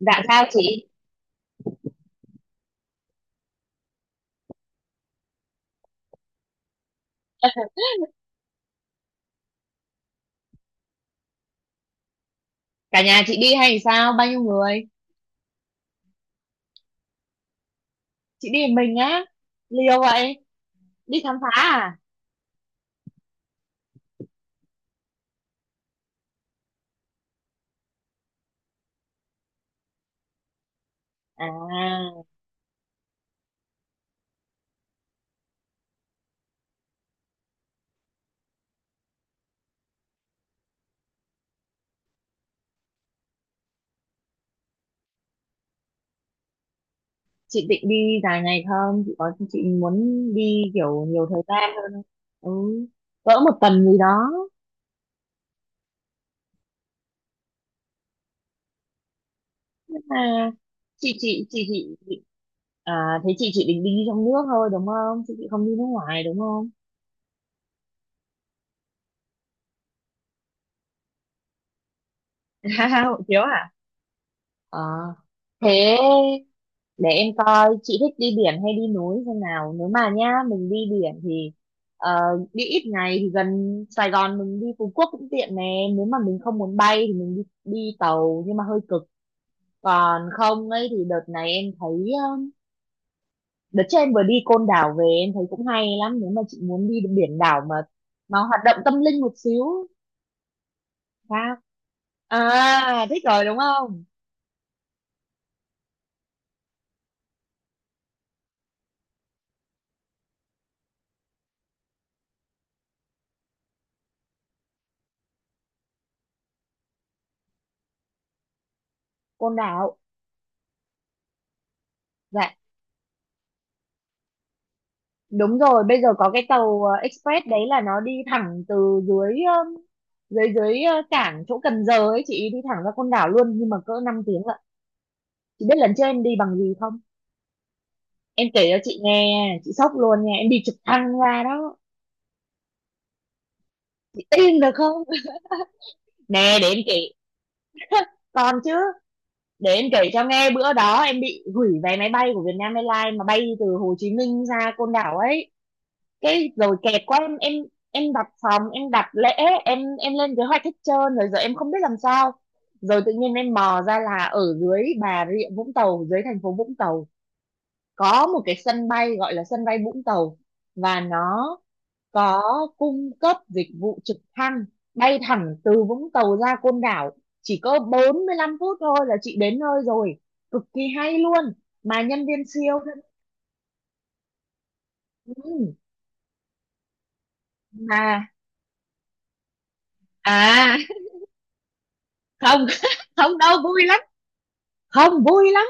Dạ, sao chị? Cả nhà chị đi hay sao? Bao nhiêu người? Chị đi một mình á? Liều vậy? Đi khám phá à? À, chị định đi dài ngày không? Chị muốn đi kiểu nhiều thời gian hơn không? Ừ, cỡ một tuần gì đó. À, chị chị chị chị chị- à, Thế chị định đi trong nước thôi, đúng không? Chị không đi nước ngoài, đúng không? Hộ chiếu à? Ờ. Thế để em coi chị thích đi biển hay đi núi thế nào. Nếu mà nhá, mình đi biển thì ờ, đi ít ngày thì gần Sài Gòn, mình đi Phú Quốc cũng tiện nè. Nếu mà mình không muốn bay thì mình đi tàu, nhưng mà hơi cực. Còn không ấy thì đợt này em thấy, ờ, đợt trước em vừa đi Côn Đảo về em thấy cũng hay lắm. Nếu mà chị muốn đi biển đảo mà hoạt động tâm linh một xíu. Sao? À, thích rồi đúng không? Côn Đảo. Dạ, đúng rồi, bây giờ có cái tàu express, đấy là nó đi thẳng từ dưới, ờ, dưới dưới ờ, cảng chỗ Cần Giờ ấy, chị đi thẳng ra Côn Đảo luôn, nhưng mà cỡ 5 tiếng lận. Chị biết lần trước em đi bằng gì không? Em kể cho chị nghe chị sốc luôn nha, em đi trực thăng ra đó. Chị tin được không? Nè, để em kể. Còn chứ. Để em kể cho nghe, bữa đó em bị hủy vé máy bay của Vietnam Airlines mà bay từ Hồ Chí Minh ra Côn Đảo ấy. Cái rồi kẹt quá, em đặt phòng, em đặt lễ, em lên kế hoạch hết trơn rồi, giờ em không biết làm sao. Rồi tự nhiên em mò ra là ở dưới Bà Rịa Vũng Tàu, dưới thành phố Vũng Tàu có một cái sân bay gọi là sân bay Vũng Tàu, và nó có cung cấp dịch vụ trực thăng bay thẳng từ Vũng Tàu ra Côn Đảo, chỉ có 45 phút thôi là chị đến nơi rồi, cực kỳ hay luôn. Mà nhân viên siêu thân- ừ, mà à không. Không đâu, vui lắm. Không, vui lắm.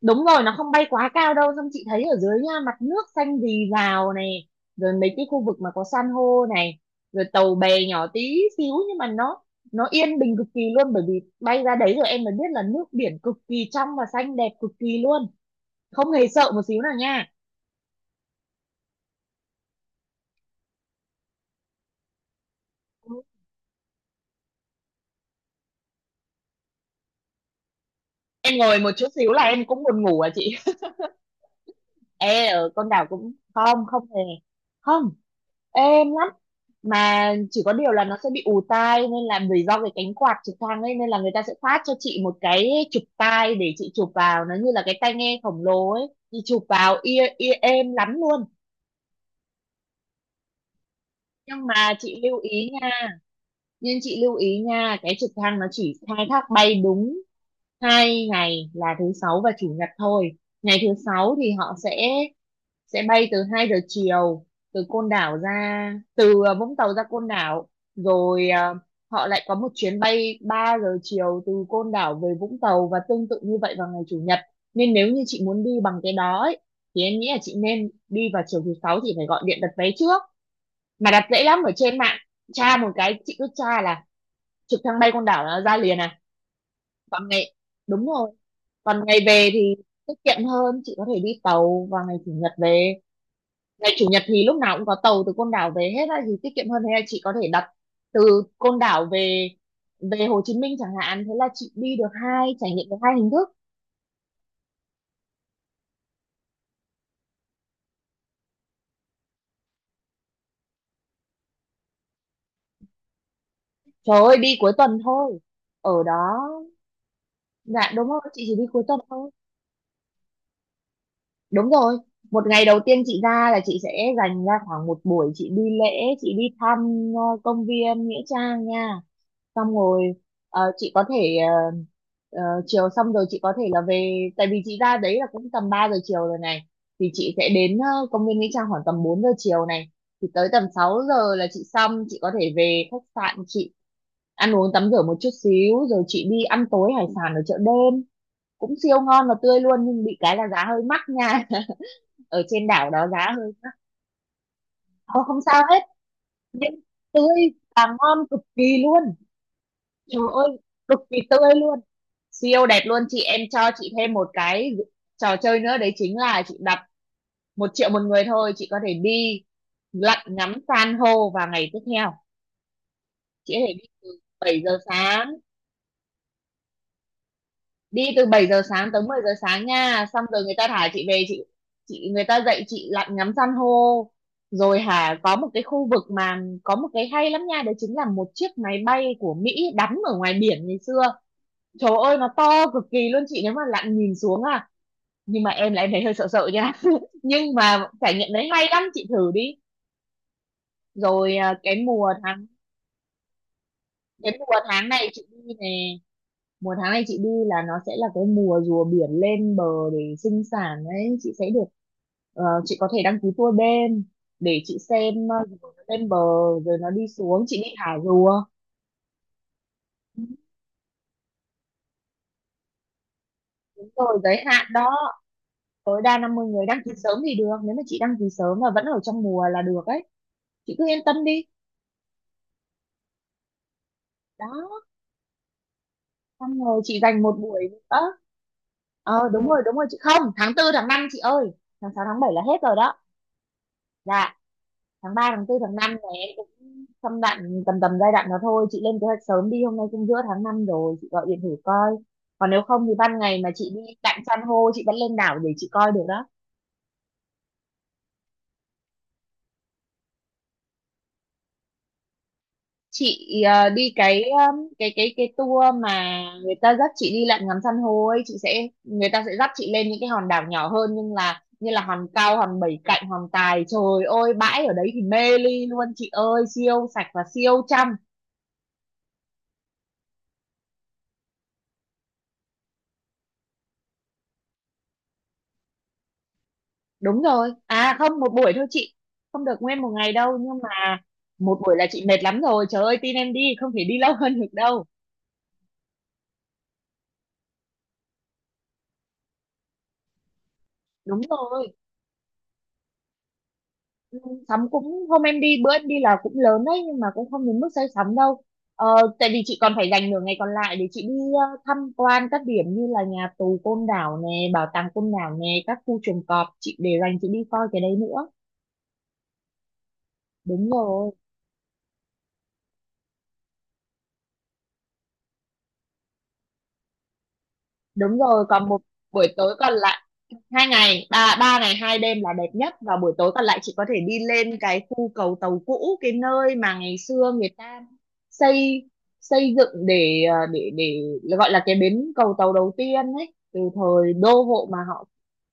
Đúng rồi, nó không bay quá cao đâu, xong chị thấy ở dưới nha, mặt nước xanh rì rào này, rồi mấy cái khu vực mà có san hô này, rồi tàu bè nhỏ tí xíu, nhưng mà nó yên bình cực kỳ luôn. Bởi vì bay ra đấy rồi em mới biết là nước biển cực kỳ trong và xanh, đẹp cực kỳ luôn, không hề sợ một xíu nào nha. Em ngồi một chút xíu là em cũng buồn ngủ à chị. Ê, ở con đảo cũng không, không hề, không, êm lắm. Mà chỉ có điều là nó sẽ bị ù tai, nên là vì do cái cánh quạt trực thăng ấy, nên là người ta sẽ phát cho chị một cái chụp tai để chị chụp vào, nó như là cái tai nghe khổng lồ ấy. Chị chụp vào ear ear, êm lắm luôn. nhưng mà chị lưu ý nha nhưng chị lưu ý nha Cái trực thăng nó chỉ khai thác bay đúng 2 ngày là thứ sáu và chủ nhật thôi. Ngày thứ sáu thì họ sẽ bay từ 2 giờ chiều, từ Côn Đảo ra từ ờ, Vũng Tàu ra Côn Đảo. Rồi họ lại có một chuyến bay 3 giờ chiều từ Côn Đảo về Vũng Tàu, và tương tự như vậy vào ngày chủ nhật. Nên nếu như chị muốn đi bằng cái đó ấy, thì em nghĩ là chị nên đi vào chiều thứ sáu, chị phải gọi điện đặt vé trước, mà đặt dễ lắm ở trên mạng. Tra một cái, chị cứ tra là trực thăng bay Côn Đảo là ra liền à. Còn ngày Đúng rồi. Còn ngày về thì tiết kiệm hơn, chị có thể đi tàu vào ngày chủ nhật về. Ngày chủ nhật thì lúc nào cũng có tàu từ Côn Đảo về hết á, thì tiết kiệm hơn. Thế là chị có thể đặt từ Côn Đảo về về Hồ Chí Minh chẳng hạn, thế là chị đi được hai trải nghiệm, được hai hình thức. Trời ơi, đi cuối tuần thôi, ở đó. Dạ, đúng rồi, chị chỉ đi cuối tuần thôi. Đúng rồi, một ngày đầu tiên chị ra là chị sẽ dành ra khoảng một buổi, chị đi lễ, chị đi thăm công viên Nghĩa Trang nha. Xong rồi ờ, chị có thể ờ, ờ, chiều, xong rồi chị có thể là về, tại vì chị ra đấy là cũng tầm 3 giờ chiều rồi này, thì chị sẽ đến công viên Nghĩa Trang khoảng tầm 4 giờ chiều này, thì tới tầm 6 giờ là chị xong, chị có thể về khách sạn, chị ăn uống tắm rửa một chút xíu, rồi chị đi ăn tối hải sản ở chợ đêm, cũng siêu ngon và tươi luôn, nhưng bị cái là giá hơi mắc nha. Ở trên đảo đó giá hơi mắc. Ờ, không sao hết, nhưng tươi và ngon cực kỳ luôn. Trời ơi, cực kỳ tươi luôn. Siêu đẹp luôn chị, em cho chị thêm một cái trò chơi nữa, đấy chính là chị đặt 1 triệu một người thôi, chị có thể đi lặn ngắm san hô vào ngày tiếp theo. Chị có thể đi từ 7 giờ sáng, đi từ 7 giờ sáng tới 10 giờ sáng nha, xong rồi người ta thả chị về, chị người ta dạy chị lặn ngắm san hô. Rồi hả, có một cái khu vực mà có một cái hay lắm nha, đấy chính là một chiếc máy bay của Mỹ đắm ở ngoài biển ngày xưa. Trời ơi, nó to cực kỳ luôn chị, nếu mà lặn nhìn xuống à. Nhưng mà em là em thấy hơi sợ sợ nha. Nhưng mà trải nghiệm đấy hay lắm, chị thử đi. Rồi cái mùa tháng này chị đi nè, mùa tháng này chị đi là nó sẽ là cái mùa rùa biển lên bờ để sinh sản đấy. Chị sẽ được, chị có thể đăng ký tour đêm để chị xem rùa nó lên bờ rồi nó đi xuống, chị đi thả rùa. Đúng rồi, giới hạn đó, tối đa 50 người, đăng ký sớm thì được. Nếu mà chị đăng ký sớm và vẫn ở trong mùa là được ấy, chị cứ yên tâm đi. Đó, xong rồi chị dành một buổi nữa. Đúng rồi, đúng rồi, chị không, tháng tư tháng năm chị ơi, tháng sáu tháng bảy là hết rồi đó. Dạ, tháng ba tháng tư tháng năm này em cũng, trong đoạn tầm tầm giai đoạn đó thôi, chị lên kế hoạch sớm đi, hôm nay cũng giữa tháng năm rồi, chị gọi điện thử coi. Còn nếu không thì ban ngày mà chị đi lặn san hô chị vẫn lên đảo để chị coi được đó. Chị đi cái, cái tour mà người ta dắt chị đi lặn ngắm san hô ấy, chị sẽ, người ta sẽ dắt chị lên những cái hòn đảo nhỏ hơn, nhưng là như là hòn Cao, hòn Bảy Cạnh, hòn Tài, trời ơi, bãi ở đấy thì mê ly luôn chị ơi, siêu sạch và siêu trong. Đúng rồi, à không, một buổi thôi chị, không được nguyên một ngày đâu. Nhưng mà một buổi là chị mệt lắm rồi, trời ơi tin em đi, không thể đi lâu hơn được đâu. Đúng rồi, sắm cũng, hôm em đi, bữa em đi là cũng lớn đấy, nhưng mà cũng không đến mức say sắm đâu. Ờ, tại vì chị còn phải dành nửa ngày còn lại để chị đi tham quan các điểm như là nhà tù Côn Đảo nè, bảo tàng Côn Đảo nè, các khu chuồng cọp, chị để dành chị đi coi cái đấy nữa. Đúng rồi, đúng rồi, còn một buổi tối còn lại, hai ngày, ba ba ngày 2 đêm là đẹp nhất, và buổi tối còn lại chị có thể đi lên cái khu cầu tàu cũ, cái nơi mà ngày xưa người ta xây xây dựng để để gọi là cái bến cầu tàu đầu tiên ấy, từ thời đô hộ mà họ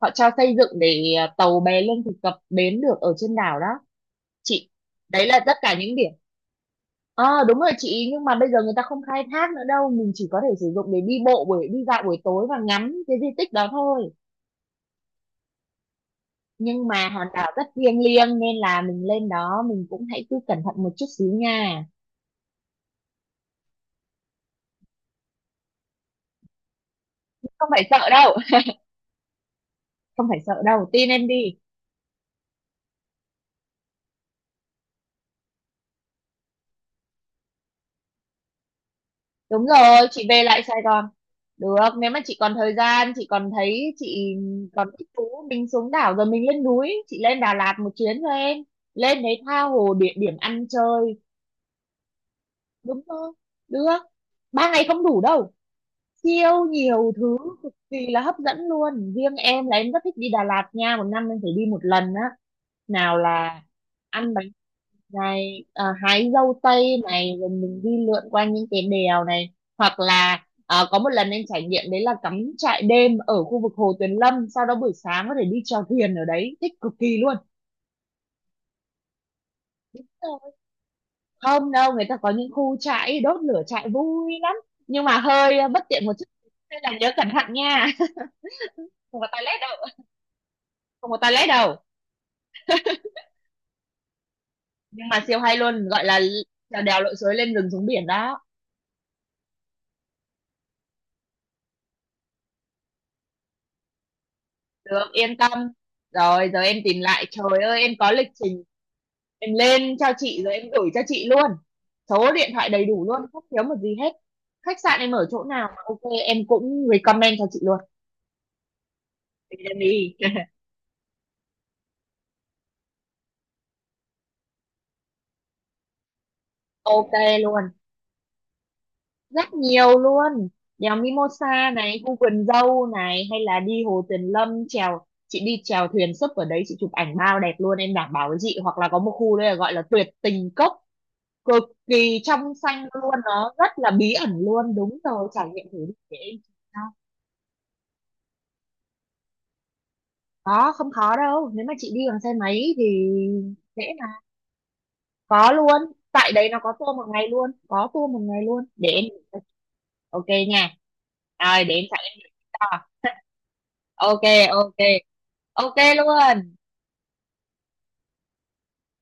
họ cho xây dựng để tàu bè lương thực cập bến được ở trên đảo đó chị. Đấy là tất cả những điểm. Ờ Đúng rồi chị, nhưng mà bây giờ người ta không khai thác nữa đâu, mình chỉ có thể sử dụng để đi bộ, buổi đi dạo buổi tối và ngắm cái di tích đó thôi. Nhưng mà hòn đảo rất thiêng liêng, nên là mình lên đó mình cũng hãy cứ cẩn thận một chút xíu nha. Không phải sợ đâu, không phải sợ đâu, tin em đi. Đúng rồi, chị về lại Sài Gòn được, nếu mà chị còn thời gian, chị còn thấy chị còn thích thú, mình xuống đảo rồi mình lên núi, chị lên Đà Lạt một chuyến cho em, lên đấy tha hồ địa điểm ăn chơi. Đúng không? Được. 3 ngày không đủ đâu, siêu nhiều thứ, cực kỳ là hấp dẫn luôn. Riêng em là em rất thích đi Đà Lạt nha, một năm em phải đi một lần á. Nào là ăn bánh này, à, hái dâu tây này, rồi mình đi lượn qua những cái đèo này, hoặc là, à, có một lần anh trải nghiệm đấy là cắm trại đêm ở khu vực Hồ Tuyền Lâm, sau đó buổi sáng có thể đi chèo thuyền ở đấy, thích cực kỳ luôn. Không đâu, người ta có những khu trại đốt lửa trại vui lắm, nhưng mà hơi bất tiện một chút, nên là nhớ cẩn thận nha. Không có toilet đâu, không có toilet đâu. Nhưng mà siêu hay luôn, gọi là trèo đèo lội suối, lên rừng xuống biển đó. Được, yên tâm. Rồi, giờ em tìm lại. Trời ơi, em có lịch trình. Em lên cho chị rồi em gửi cho chị luôn. Số điện thoại đầy đủ luôn, không thiếu một gì hết. Khách sạn em ở chỗ nào mà ok, em cũng recommend cho chị luôn. Thì đem đi. Ok luôn, rất nhiều luôn. Đèo Mimosa này, khu vườn dâu này, hay là đi Hồ Tuyền Lâm, chèo, chị đi chèo thuyền súp ở đấy, chị chụp ảnh bao đẹp luôn, em đảm bảo với chị. Hoặc là có một khu đây là gọi là tuyệt tình cốc, cực kỳ trong xanh luôn, nó rất là bí ẩn luôn. Đúng rồi, trải nghiệm thử đi để em chỉ cho. Có, không khó đâu, nếu mà chị đi bằng xe máy thì dễ mà. Có luôn, tại đấy nó có tour một ngày luôn, để em, ok nha. Rồi để em chạy em gửi cho. Ok, ok, ok luôn.